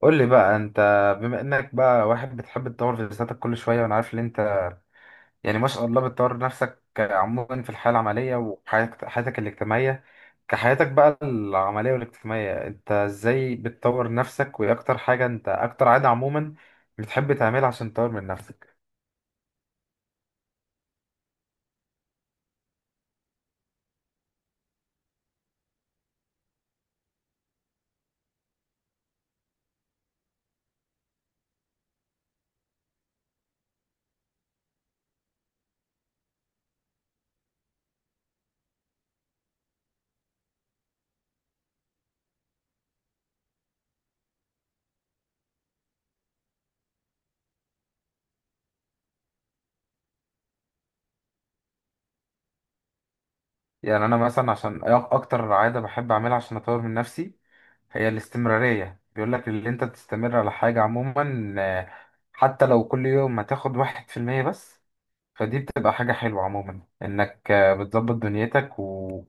قول لي بقى انت، بما انك بقى واحد بتحب تطور في ذاتك كل شويه، وانا عارف ان انت يعني ما شاء الله بتطور نفسك عموما في الحياه العمليه وحياتك الاجتماعيه. كحياتك بقى العمليه والاجتماعيه، انت ازاي بتطور نفسك؟ وايه اكتر حاجه، انت اكتر عاده عموما بتحب تعملها عشان تطور من نفسك؟ يعني انا مثلا عشان اكتر عاده بحب اعملها عشان اطور من نفسي، هي الاستمرارية. بيقول لك اللي انت تستمر على حاجة عموما، حتى لو كل يوم هتاخد 1% بس. فدي بتبقى حاجة حلوة عموما إنك بتظبط دنيتك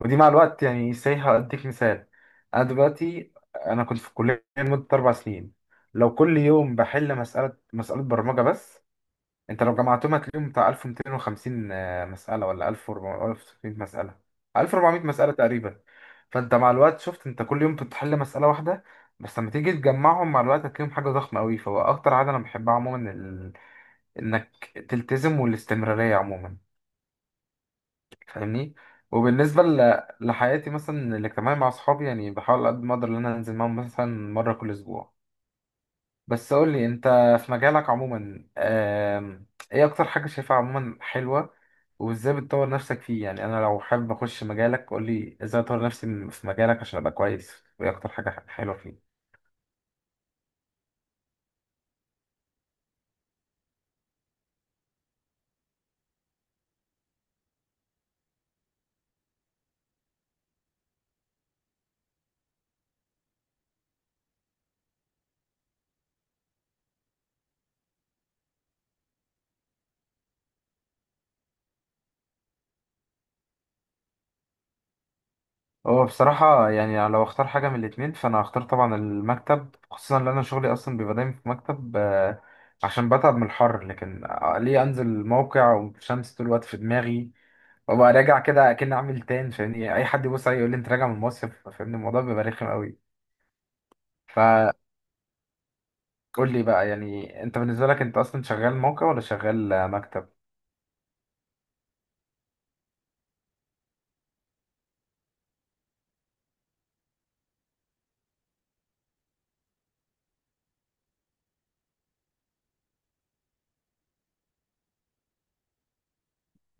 ودي مع الوقت يعني سايحة. هديك مثال. أنا دلوقتي أنا كنت في الكلية لمدة 4 سنين. لو كل يوم بحل مسألة برمجة بس، أنت لو جمعتهم هتلاقيهم بتاع 1250 مسألة ولا 1400 مسألة. 1400 مسألة تقريبا. فأنت مع الوقت شفت أنت كل يوم بتحل مسألة واحدة، بس لما تيجي تجمعهم مع الوقت هتلاقيهم حاجة ضخمة أوي. فهو أكتر عادة أنا بحبها عموما انك تلتزم، والاستمرارية عموما. فاهمني؟ وبالنسبة لحياتي مثلا الاجتماعية مع اصحابي، يعني بحاول قد ما اقدر ان انا انزل معاهم مثلا مرة كل اسبوع. بس قول لي انت، في مجالك عموما، ايه اكتر حاجة شايفها عموما حلوة؟ وازاي بتطور نفسك فيه؟ يعني انا لو حابب اخش مجالك، قول لي ازاي اطور نفسي في مجالك عشان ابقى كويس، وايه اكتر حاجة حلوة فيه؟ هو بصراحة يعني لو اختار حاجة من الاتنين، فأنا هختار طبعا المكتب، خصوصا لأن أنا شغلي أصلا بيبقى دايما في مكتب، عشان بتعب من الحر. لكن ليه أنزل موقع والشمس طول الوقت في دماغي، وأبقى راجع كده أكن عامل تان، فاهمني؟ أي حد يبص عليا يقول لي أنت راجع من المصيف، فاهمني؟ الموضوع بيبقى رخم أوي. فقول لي بقى، يعني أنت بالنسبة لك أنت أصلا شغال موقع ولا شغال مكتب؟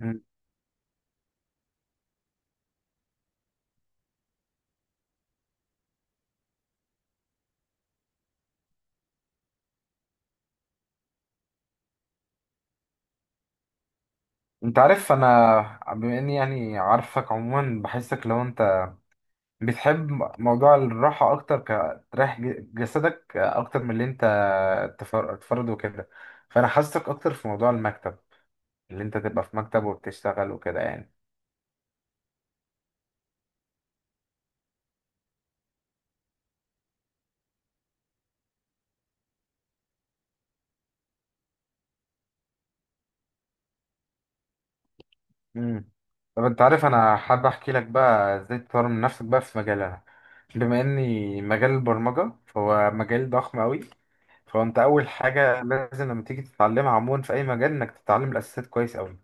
مم. أنت عارف أنا بما إني يعني عارفك عموما، بحسك لو أنت بتحب موضوع الراحة أكتر، كتريح جسدك أكتر من اللي أنت تفرد وكده. فأنا حاسسك أكتر في موضوع المكتب، اللي أنت تبقى في مكتب وبتشتغل وكده يعني. مم. طب أنت عارف أنا حابب أحكي لك بقى إزاي تطور من نفسك بقى في مجالنا. بما إني مجال البرمجة، فهو مجال ضخم أوي. فأنت أول حاجة لازم لما تيجي تتعلمها عموما في أي مجال، إنك تتعلم الأساسيات كويس أوي.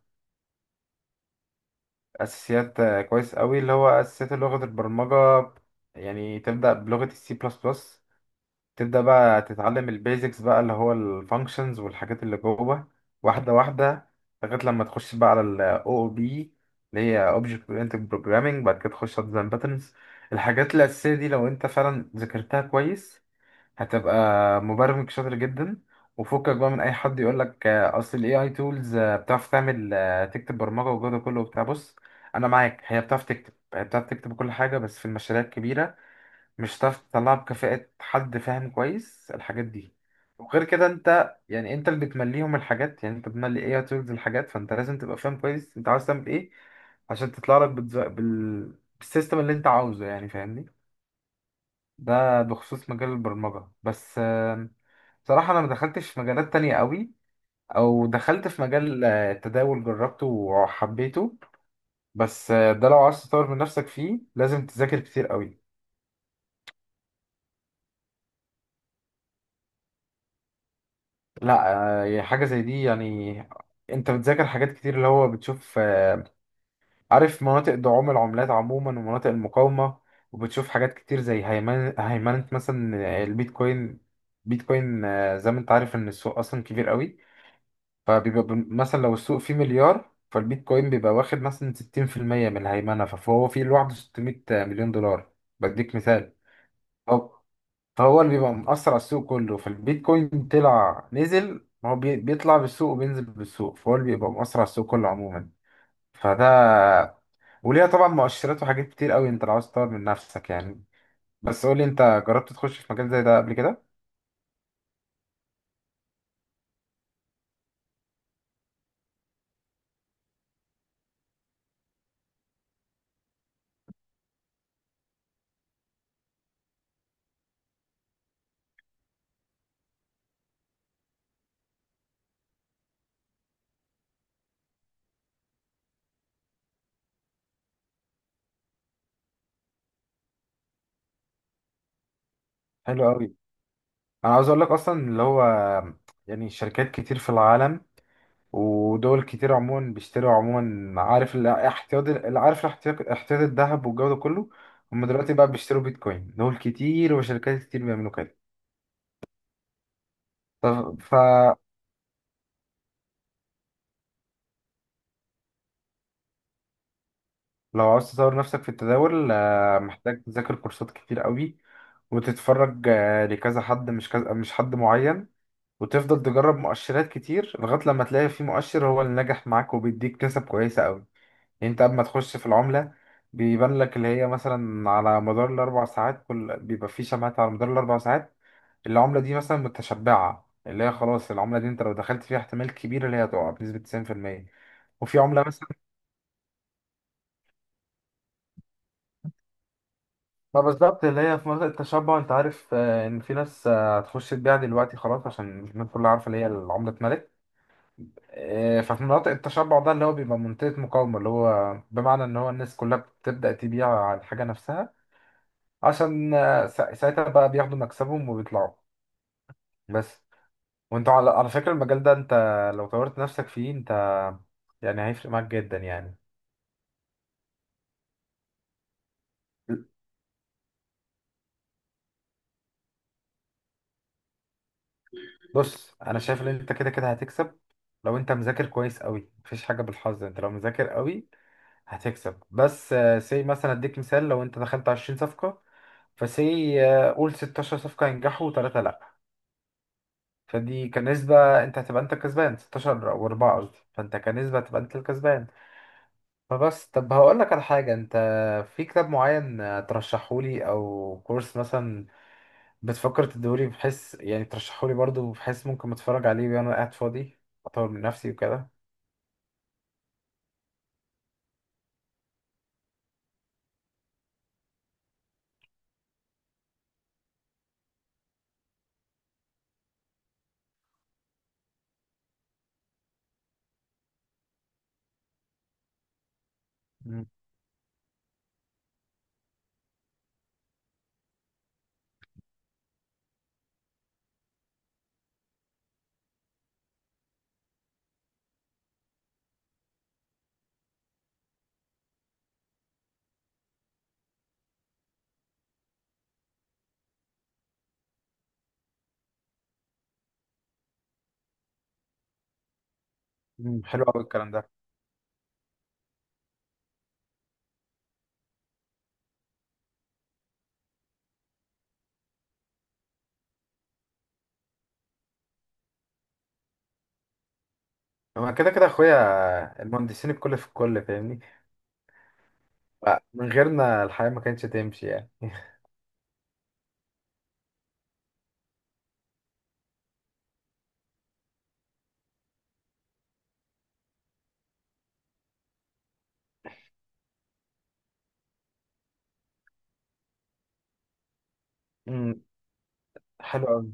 اساسيات كويس قوي، اللي هو اساسيات لغه البرمجه. يعني تبدا بلغه السي بلس بلس، تبدا بقى تتعلم البيزكس بقى، اللي هو الفانكشنز والحاجات اللي جوه واحده واحده، لغايه لما تخش بقى على الاو او بي، اللي هي اوبجكت اورينتد بروجرامنج. بعد كده تخش على ديزاين باترنز. الحاجات الاساسيه دي لو انت فعلا ذاكرتها كويس، هتبقى مبرمج شاطر جدا. وفكك بقى من اي حد يقول لك اصل الاي اي تولز بتعرف تعمل، تكتب برمجه، والجو ده كله وبتاع. بص انا معاك، هي بتعرف تكتب كل حاجه، بس في المشاريع الكبيره مش هتعرف تطلعها بكفاءه حد فاهم كويس الحاجات دي. وغير كده انت يعني انت اللي بتمليهم الحاجات، يعني انت بتملي اي اي تولز الحاجات، فانت لازم تبقى فاهم كويس انت عاوز تعمل ايه عشان تطلع لك بالسيستم اللي انت عاوزه، يعني فاهمني؟ ده بخصوص مجال البرمجة بس. صراحة أنا ما دخلتش في مجالات تانية قوي، أو دخلت في مجال التداول، جربته وحبيته. بس ده لو عايز تطور من نفسك فيه، لازم تذاكر كتير قوي. لا حاجة زي دي يعني. أنت بتذاكر حاجات كتير، اللي هو بتشوف عارف مناطق دعوم العملات عموما ومناطق المقاومة، وبتشوف حاجات كتير زي هيمنة مثلا بيتكوين زي ما أنت عارف إن السوق أصلا كبير قوي، فبيبقى مثلا لو السوق فيه مليار، فالبيتكوين بيبقى واخد مثلا 60% من الهيمنة، فهو فيه لوحده 600 مليون دولار. بديك مثال. هو- فهو اللي بيبقى مأثر على السوق كله. فالبيتكوين طلع نزل، هو بيطلع بالسوق وبينزل بالسوق، فهو اللي بيبقى مأثر على السوق كله عموما. فده. وليها طبعا مؤشرات وحاجات كتير قوي انت لو عاوز تطور من نفسك يعني. بس قولي انت، جربت تخش في مجال زي ده قبل كده؟ حلو قوي. انا عاوز اقول لك اصلا اللي هو، يعني شركات كتير في العالم ودول كتير عموما بيشتروا عموما، عارف الاحتياط، احتياط الذهب والجو ده كله، هم دلوقتي بقى بيشتروا بيتكوين. دول كتير وشركات كتير بيعملوا كده. طب فلو عاوز تطور نفسك في التداول محتاج تذاكر كورسات كتير قوي، وتتفرج لكذا حد، مش كذا، مش حد معين. وتفضل تجرب مؤشرات كتير لغاية لما تلاقي في مؤشر هو اللي نجح معاك وبيديك كسب كويسة قوي. انت اما تخش في العملة، بيبان لك اللي هي مثلا على مدار الاربع ساعات. كل بيبقى في شمعات على مدار الاربع ساعات. العملة دي مثلا متشبعة، اللي هي خلاص العملة دي انت لو دخلت فيها احتمال كبير اللي هي تقع بنسبة 90%. وفي عملة مثلا ما بالظبط اللي هي في منطقة التشبع، انت عارف ان في ناس هتخش تبيع دلوقتي خلاص عشان الناس كلها عارفة اللي هي العملة اتملت. ففي مناطق التشبع ده اللي هو بيبقى منطقة مقاومة، اللي هو بمعنى ان هو الناس كلها بتبدأ تبيع على الحاجة نفسها، عشان ساعتها بقى بياخدوا مكسبهم وبيطلعوا. بس. وانت على فكرة، المجال ده انت لو طورت نفسك فيه، انت يعني هيفرق معاك جدا يعني. بص انا شايف ان انت كده كده هتكسب. لو انت مذاكر كويس قوي، مفيش حاجة بالحظ، انت لو مذاكر قوي هتكسب. بس سي مثلا اديك مثال، لو انت دخلت 20 صفقة، فسي قول 16 صفقة ينجحوا وثلاثة لا. فدي كنسبة، انت هتبقى انت الكسبان 16 و4 قصدي. فانت كنسبة هتبقى انت الكسبان. فبس. طب هقول لك على حاجة، انت في كتاب معين ترشحولي او كورس مثلا بتفكر تدولي؟ بحيث يعني ترشحولي برضو بحيث ممكن اتفرج عليه وانا قاعد فاضي، اطور من نفسي وكده. مم. مم. حلو قوي الكلام ده. هو كده كده اخويا، المهندسين الكل في الكل فاهمني؟ من غيرنا الحياة ما كانتش تمشي يعني. مم. حلو قوي.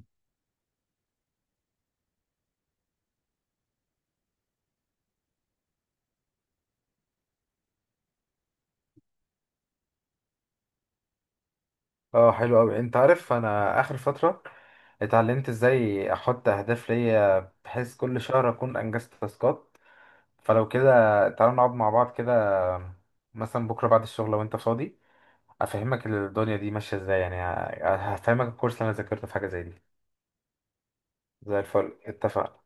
اه، حلو قوي، انت عارف انا اخر فترة اتعلمت ازاي احط اهداف ليا، بحيث كل شهر اكون انجزت تاسكات. فلو كده، تعالوا نقعد مع بعض كده مثلا بكرة بعد الشغل لو انت فاضي، افهمك الدنيا دي ماشية ازاي، يعني هفهمك الكورس اللي انا ذاكرته في حاجة زي دي. زي الفل اتفقنا.